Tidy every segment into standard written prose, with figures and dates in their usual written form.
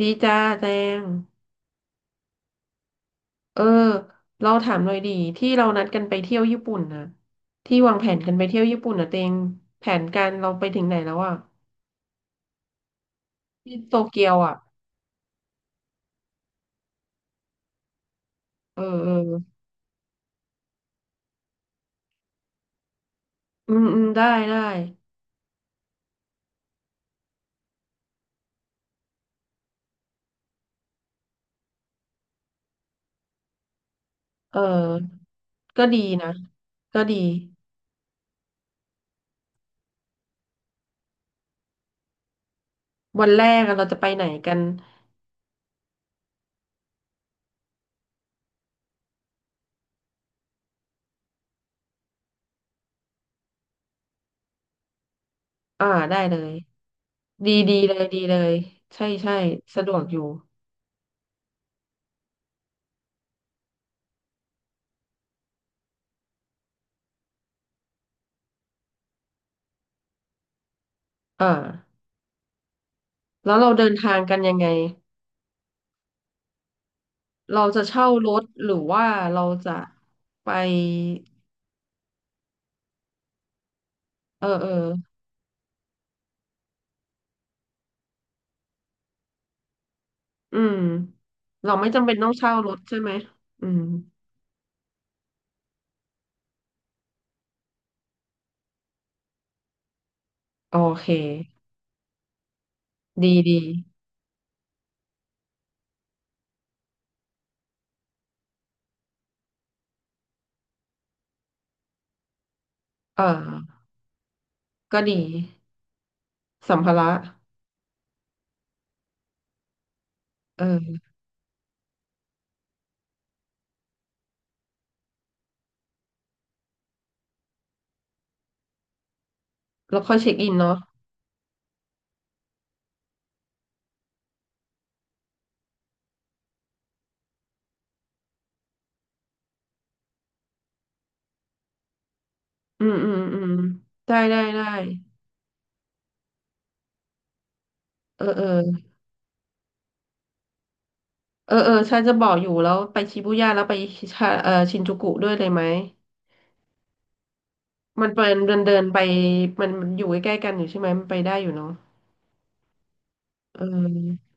ดีจ้าแจงเออเราถามหน่อยดีที่เรานัดกันไปเที่ยวญี่ปุ่นนะที่วางแผนกันไปเที่ยวญี่ปุ่นนะเตงแผนการเราไปถึงไหนแล้วอ่ะที่โตเกียวอ่ะเออเอออืมได้ ได้เออก็ดีนะ ก็ดี วันแรกอะเราจะไปไหนกัน อ่าได้เลย ดีเลยดีเลย ใช่สะดวกอยู่อ่าแล้วเราเดินทางกันยังไงเราจะเช่ารถหรือว่าเราจะไป เออ อืม เราไม่จำเป็นต้องเช่ารถใช่ไหม อืมโอเคดีดี เออ ก็ดีสัมภาระเออแล้วค่อยเช็คอินเนาะ อืมอืมอืม ได้ได้ได้ เออ เออเออฉันจะบอกอยู่แล้วไปชิบูย่าแล้วไปชาชินจูกุด้วยเลยไหม มันเป็นเดินเดินไปมันอยู่ใกล้ๆกันอยู่ใช่ไหมมันไปได้อยู่เนาะเออ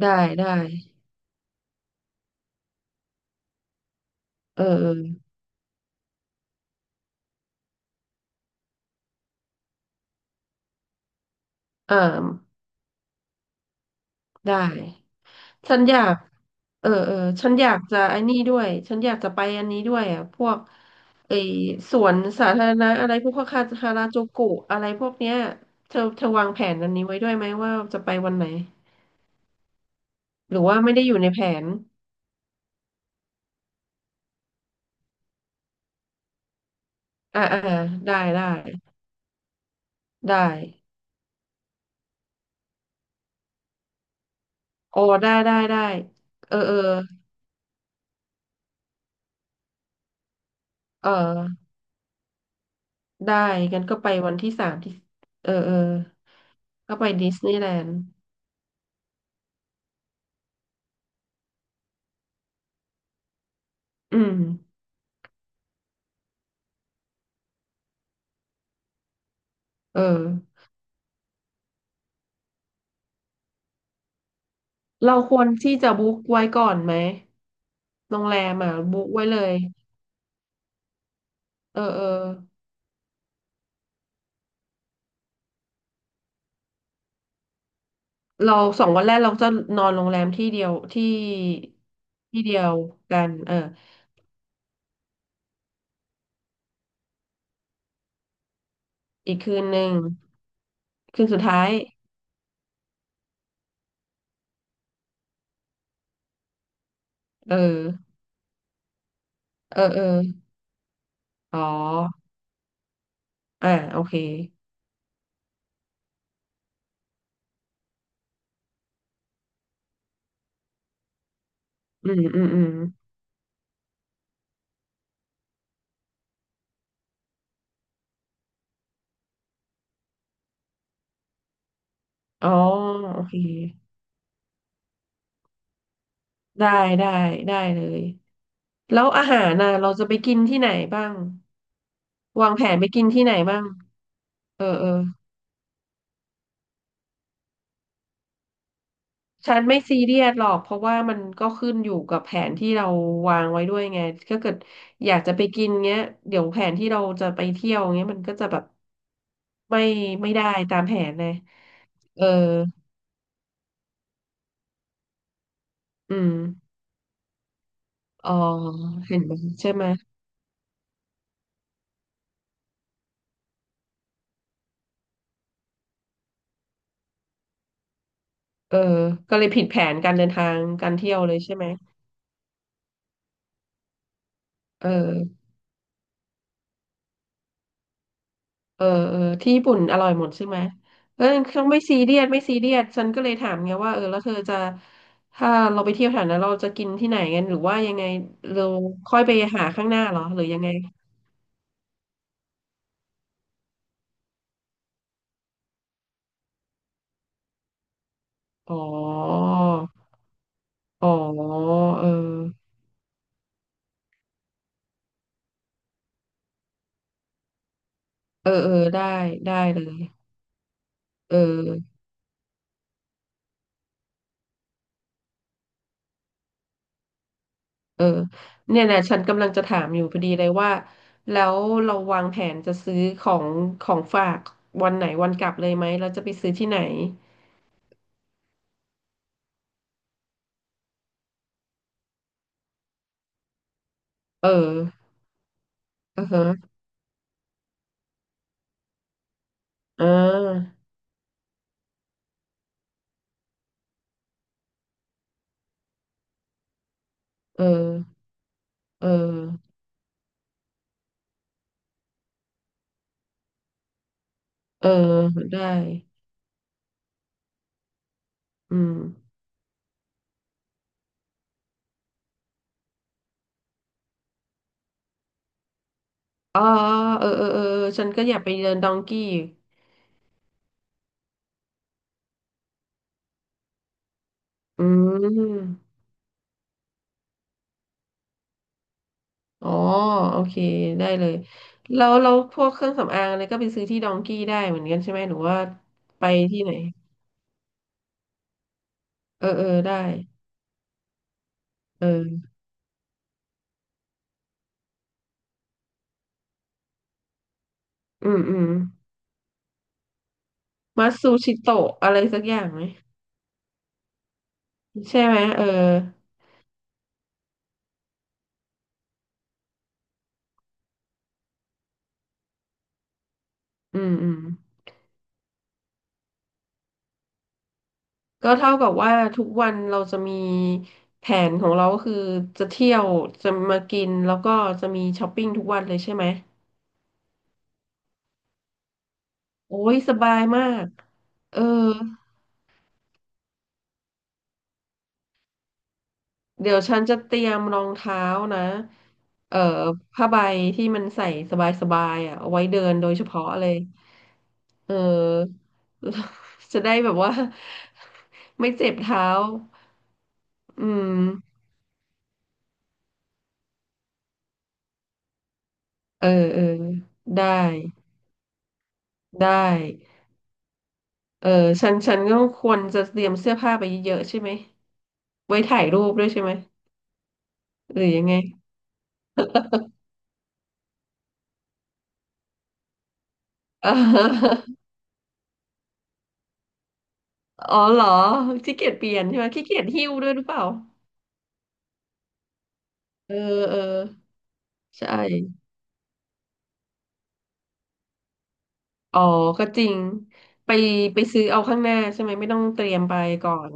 ได้ได้ เออเอออ่าได้ ฉันอยากเออฉันอยากจะไอ้นี่ด้วยฉันอยากจะไปอันนี้ด้วยอ่ะพวกไอ้สวนสาธารณะอะไรพวกคาราจูกุอะไรพวกเนี้ยเธอวางแผนอันนี้ไว้ด้วยไหมว่าจะไปวันไหนหรือว่าไม่ได้อยู่ในแผนอ่าอ่าได้ได้ได้โอ้ได้ได้ได้เออเออเออได้งั้นก็ไปวันที่สามที่เออเออก็ไปดิสนีย์แลนด์อืมเออเราควรที่จะบุ๊กไว้ก่อนไหม โรงแรมอ่ะบุ๊กไว้เลยเออเออเราสองวันแรกเราจะนอนโรงแรมที่เดียวที่ที่เดียวกันเอออีกคืนหนึ่งคืนสุดท้ายเออเออเอออ๋ออ่าโอเคอืมอืมอืมอ๋อโอเคได้ได้ได้เลย แล้วอาหารน่ะเราจะไปกินที่ไหนบ้าง วางแผนไปกินที่ไหนบ้างเออเออ ฉันไม่ซีเรียสหรอกเพราะว่ามันก็ขึ้นอยู่กับแผนที่เราวางไว้ด้วยไงถ้าเกิดอยากจะไปกินเงี้ยเดี๋ยวแผนที่เราจะไปเที่ยวเงี้ยมันก็จะแบบไม่ไม่ได้ตามแผนเลยเอออืมอ๋อเห็นไหมใช่ไหมเออก็เลยผิดแผนการเดินทางการเที่ยวเลยใช่ไหมเออ เออเออที่ญี่ปุ่นอร่อยหมดใช่ไหมเออเขาไม่ซีเรียสฉันก็เลยถามไงว่าเออแล้วเธอจะถ้าเราไปเที่ยวแถวนั้นเราจะกินที่ไหนกันหรือว่ายังไงเราค่อยไปหาข้างหน้าเหรอหรือยังไงอ๋ออ๋อเออเออเออได้ได้เลยเออเออเนี่ยนะฉันกำลังจะถามอยู่พอดีเลยว่าแล้วเราวางแผนจะซื้อของฝากวันไหนวันกลับเลยไหมเราจะไปซื้อที่ไหนเอออือฮะอ่า เออเออเออได้อืมอ๋อเออเออเออฉันก็อยากไปเดินดองกี้อืมอ๋อโอเค ได้เลยแล้วเราพวกเครื่องสำอางอะไรก็ไปซื้อที่ดองกี้ได้เหมือนกันใช่ไหมหรือว่าไปที่ไหน เออเออได้เอออืมมาซูชิโตะอะไรสักอย่างไหม ใช่ไหมเอออืม ก็เท่ากับว่าทุกวันเราจะมีแผนของเราก็คือจะเที่ยวจะมากินแล้วก็จะมีช้อปปิ้งทุกวันเลยใช่ไหมโอ้ยสบายมากเออเดี๋ยวฉันจะเตรียมรองเท้านะเอ่อผ้าใบที่มันใส่สบายๆอ่ะเอาไว้เดินโดยเฉพาะเลยเออ จะได้แบบว่า ไม่เจ็บเท้าอืมเออได้ได้ เออฉันก็ควรจะเตรียมเสื้อผ้าไปเยอะๆใช่ไหมไว้ถ่ายรูปด้วยใช่ไหมหรือยังไงเออ อ๋อเหรอขี้เกียจเปลี่ยนใช่ไหมขี้เกียจหิ้วด้วยหรือเปล่าเออเออใช่อ๋อก็จริงไปไปซื้อเอาข้างหน้าใช่ไหมไม่ต้องเตรียมไปก่อน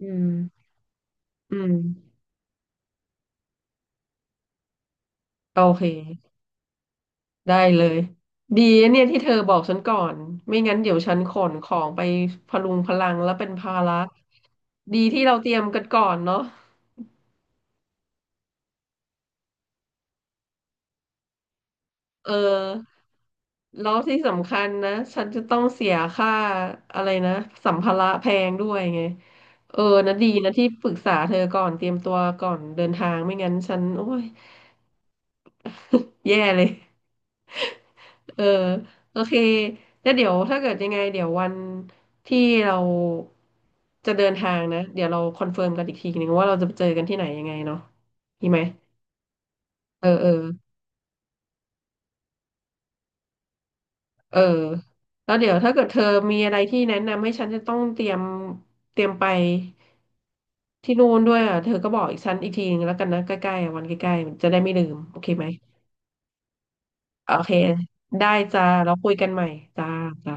อืมอืมโอเคได้เลยดีนะเนี่ยที่เธอบอกฉันก่อนไม่งั้นเดี๋ยวฉันขนของไปพะลุงพะลังแล้วเป็นภาระดีที่เราเตรียมกันก่อนเนาะ เออแล้วที่สำคัญนะฉันจะต้องเสียค่าอะไรนะสัมภาระแพงด้วยไงเออนะดีนะที่ปรึกษาเธอก่อนเตรียมตัวก่อนเดินทางไม่งั้นฉันโอ้ยแย่เลยเออโอเคแล้วเดี๋ยวถ้าเกิดยังไงเดี๋ยววันที่เราจะเดินทางนะเดี๋ยวเราคอนเฟิร์มกันอีกทีนึงว่าเราจะไปเจอกันที่ไหนยังไงเนาะดีไหมเออ เออแล้วเดี๋ยวถ้าเกิดเธอมีอะไรที่แนะนำให้ฉันจะต้องเตรียมไปที่นู่นด้วยอ่ะเธอก็บอกอีกฉันอีกทีนึงแล้วกันนะใกล้ๆอ่ะวันใกล้ๆมันจะได้ไม่ลืมโอเคไหมโอเคได้จ้าเราคุยกันใหม่จ้าจ้า